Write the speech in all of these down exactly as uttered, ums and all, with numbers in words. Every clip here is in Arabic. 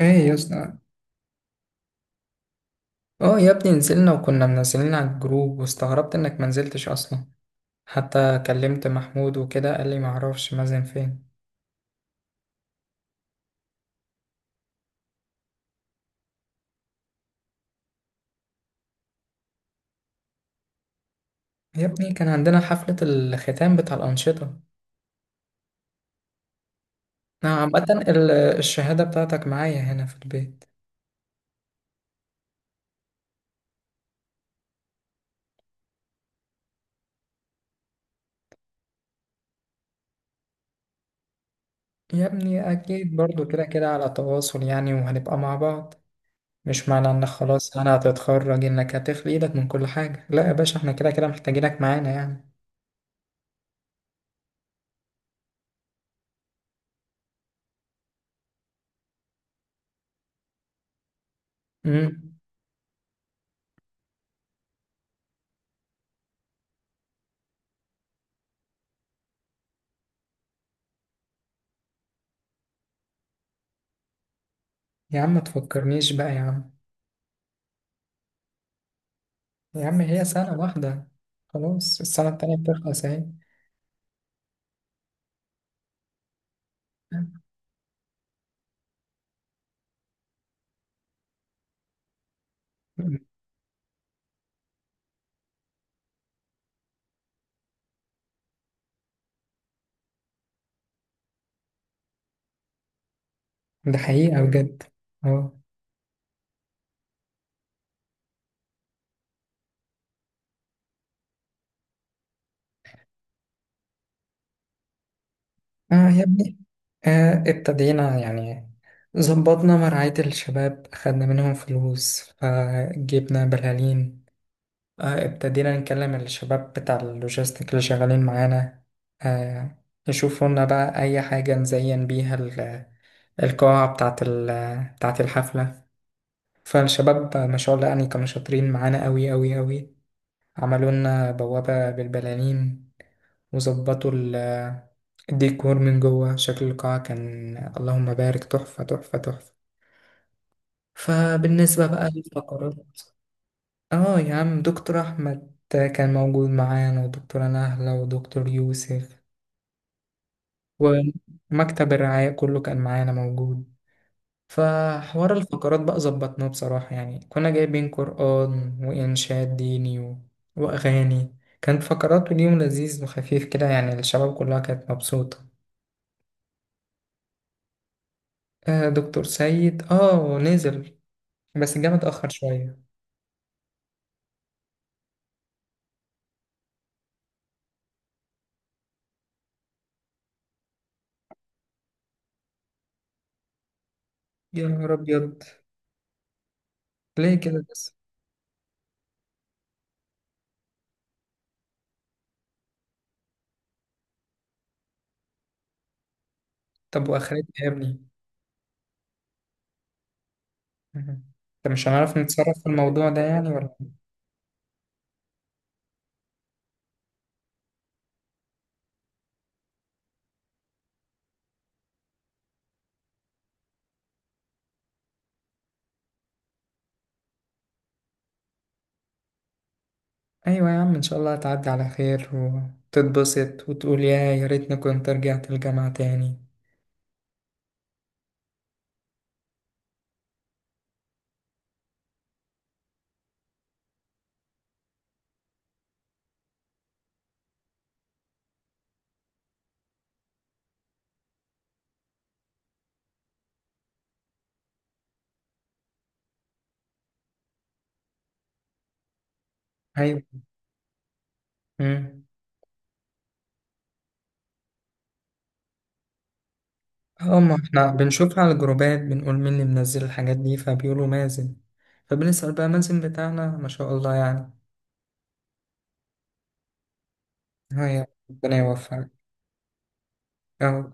ايه يا اسطى. اه يا ابني، نزلنا وكنا منزلين على الجروب واستغربت انك منزلتش اصلا. حتى كلمت محمود وكده قال لي معرفش مازن فين. يا ابني كان عندنا حفلة الختام بتاع الأنشطة. أنا عامة ال- الشهادة بتاعتك معايا هنا في البيت. يا ابني أكيد برضو كده كده على تواصل يعني وهنبقى مع بعض. مش معنى إنك خلاص أنا هتتخرج إنك هتخلي إيدك من كل حاجة، لا يا باشا، إحنا كده كده محتاجينك معانا يعني. امم. يا عم متفكرنيش بقى يا عم. يا عم هي سنة واحدة، خلاص السنة التانية بتخلص أهي. ده حقيقة بجد. أهو. آه يا ابني. آه ابتدينا يعني، ظبطنا مرعاية الشباب خدنا منهم فلوس فجبنا بلالين. آه ابتدينا نكلم الشباب بتاع اللوجيستيك اللي شغالين معانا، آه يشوفوا لنا بقى أي حاجة نزين بيها ال- القاعة بتاعت ال- بتاعت الحفلة. فالشباب ما شاء الله يعني كانوا شاطرين معانا أوي أوي أوي، عملوا لنا بوابة بالبلالين وظبطوا ال- الديكور من جوه، شكل القاعة كان اللهم بارك تحفة تحفة تحفة. فبالنسبة بقى للفقرات، اه يا عم، دكتور أحمد كان موجود معانا ودكتورة نهلة ودكتور يوسف، ومكتب الرعاية كله كان معانا موجود. فحوار الفقرات بقى ظبطناه بصراحة، يعني كنا جايبين قرآن وإنشاد ديني و... وأغاني. كانت فقرات واليوم لذيذ وخفيف كده، يعني الشباب كلها كانت مبسوطة. آه دكتور سيد، آه نزل بس جه متأخر شوية. يا نهار أبيض، ليه كده بس؟ طب وآخرتها يا ابني؟ مهم. طب مش هنعرف نتصرف في الموضوع ده يعني، ولا؟ أيوة يا عم، إن شاء الله هتعدي على خير وتتبسط وتقول يا يا ريتني كنت رجعت الجامعة تاني. أيوة. مم. اه ما احنا بنشوف على الجروبات بنقول مين اللي منزل الحاجات دي فبيقولوا مازن، فبنسأل بقى مازن بتاعنا ما شاء الله يعني. اه يا ربنا يوفقك. اه.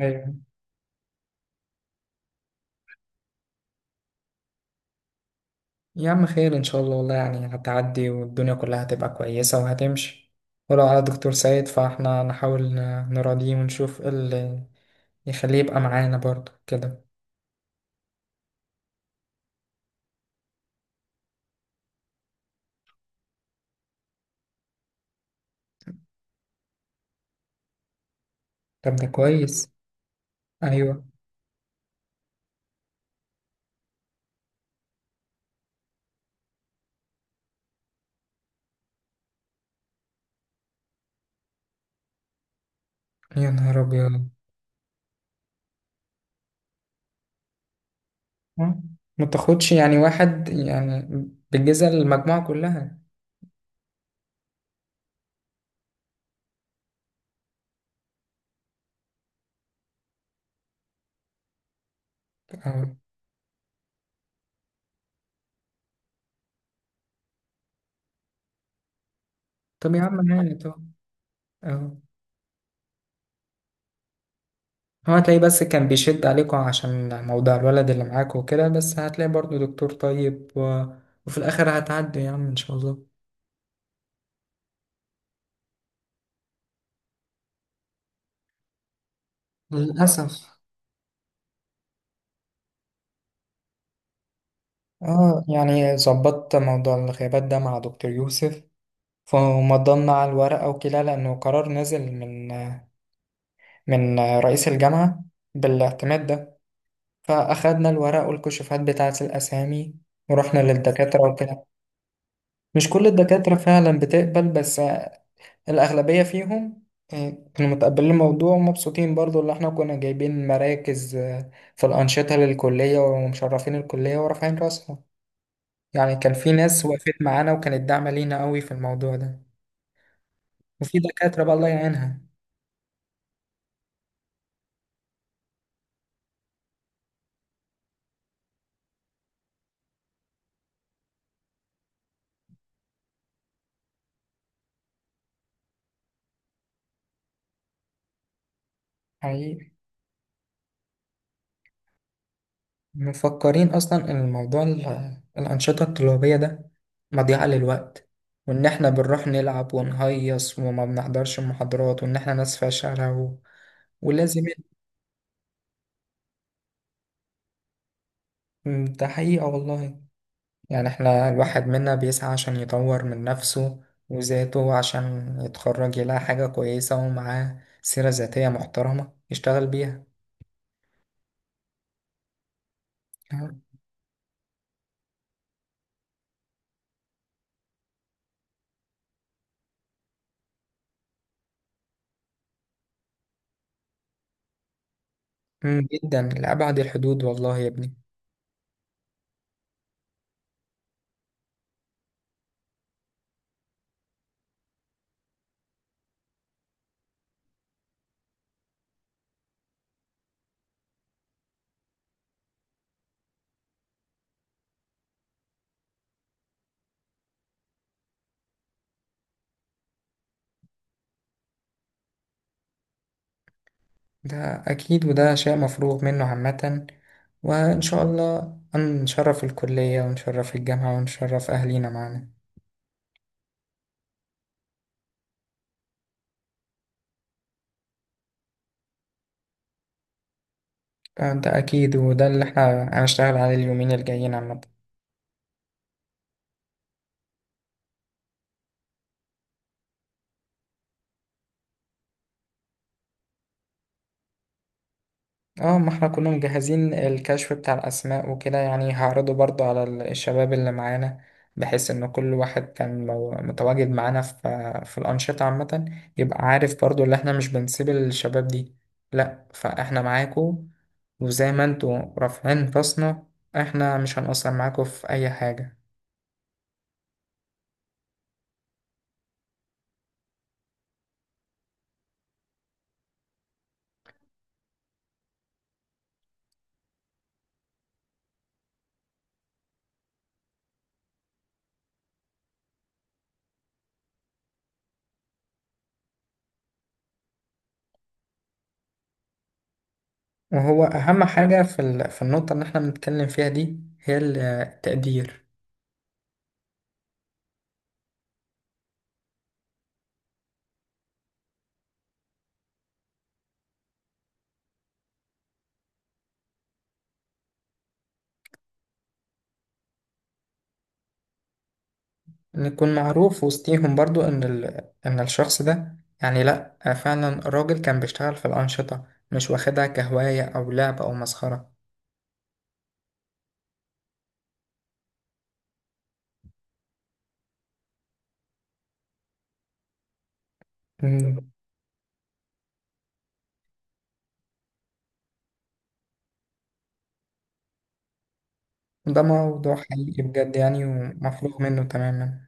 ايوه. يا عم خير ان شاء الله، والله يعني هتعدي والدنيا كلها هتبقى كويسة وهتمشي. ولو على دكتور سيد فاحنا نحاول ن- نراضيه ونشوف ايه اللي يخليه يبقى معانا برضه كده. طب ده كويس. ايوه. يا نهار ابيض. آه، ما تاخدش يعني واحد يعني بالجزء المجموعة كلها. اه. طب يا عم، يعني طب. اهو. هو هتلاقيه بس كان بيشد عليكوا عشان موضوع الولد اللي معاكوا وكده، بس هتلاقي برضه دكتور طيب و... وفي الآخر هتعدي يا عم إن شاء الله. للأسف. اه يعني ظبطت موضوع الغيابات ده مع دكتور يوسف، فمضمنا على الورقة وكده لأنه قرار نزل من من رئيس الجامعة بالاعتماد ده. فأخدنا الورق والكشوفات بتاعة الأسامي ورحنا للدكاترة وكده. مش كل الدكاترة فعلا بتقبل، بس الأغلبية فيهم آه، كانوا متقبلين الموضوع ومبسوطين برضو، اللي احنا كنا جايبين مراكز آه، في الأنشطة للكلية ومشرفين الكلية ورافعين راسهم. يعني كان في ناس وقفت معانا وكانت داعمة لينا قوي في الموضوع ده. وفي دكاترة بقى الله يعينها. حقيقي. مفكرين أصلا إن الموضوع ال- الأنشطة الطلابية ده مضيعة للوقت، وإن احنا بنروح نلعب ونهيص وما بنحضرش المحاضرات وإن احنا ناس فاشلة و... ولازم. ده حقيقة والله، يعني احنا الواحد منا بيسعى عشان يطور من نفسه وذاته، عشان يتخرج يلاقي حاجة كويسة ومعاه سيرة ذاتية محترمة يشتغل بيها. مم، جدا لأبعد الحدود والله يا ابني. ده أكيد وده شيء مفروغ منه عامة، وإن شاء الله نشرف الكلية ونشرف الجامعة ونشرف أهلينا معانا. ده أكيد وده اللي احنا هنشتغل عليه اليومين الجايين عامة. اه ما احنا كنا مجهزين الكشف بتاع الأسماء وكده، يعني هعرضه برضو على ال- الشباب اللي معانا بحيث إن كل واحد كان مو- متواجد معانا في في الأنشطة عامة يبقى عارف برضو، اللي احنا مش بنسيب الشباب دي. لأ فاحنا معاكو، وزي ما انتوا رافعين راسنا احنا مش هنقصر معاكو في أي حاجة. وهو أهم لا حاجة في ال- في النقطة اللي احنا بنتكلم فيها دي هي التقدير. نكون معروف وسطيهم برضو ان ال... ان الشخص ده يعني لا، فعلا راجل كان بيشتغل في الأنشطة، مش واخدها كهواية او لعب او مسخرة. مم. ده موضوع حقيقي بجد يعني ومفروغ منه تماما.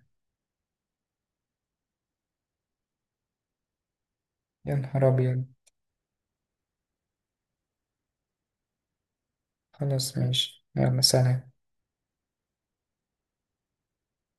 يا نهار ابيض. خلاص ماشي، يلا سلام.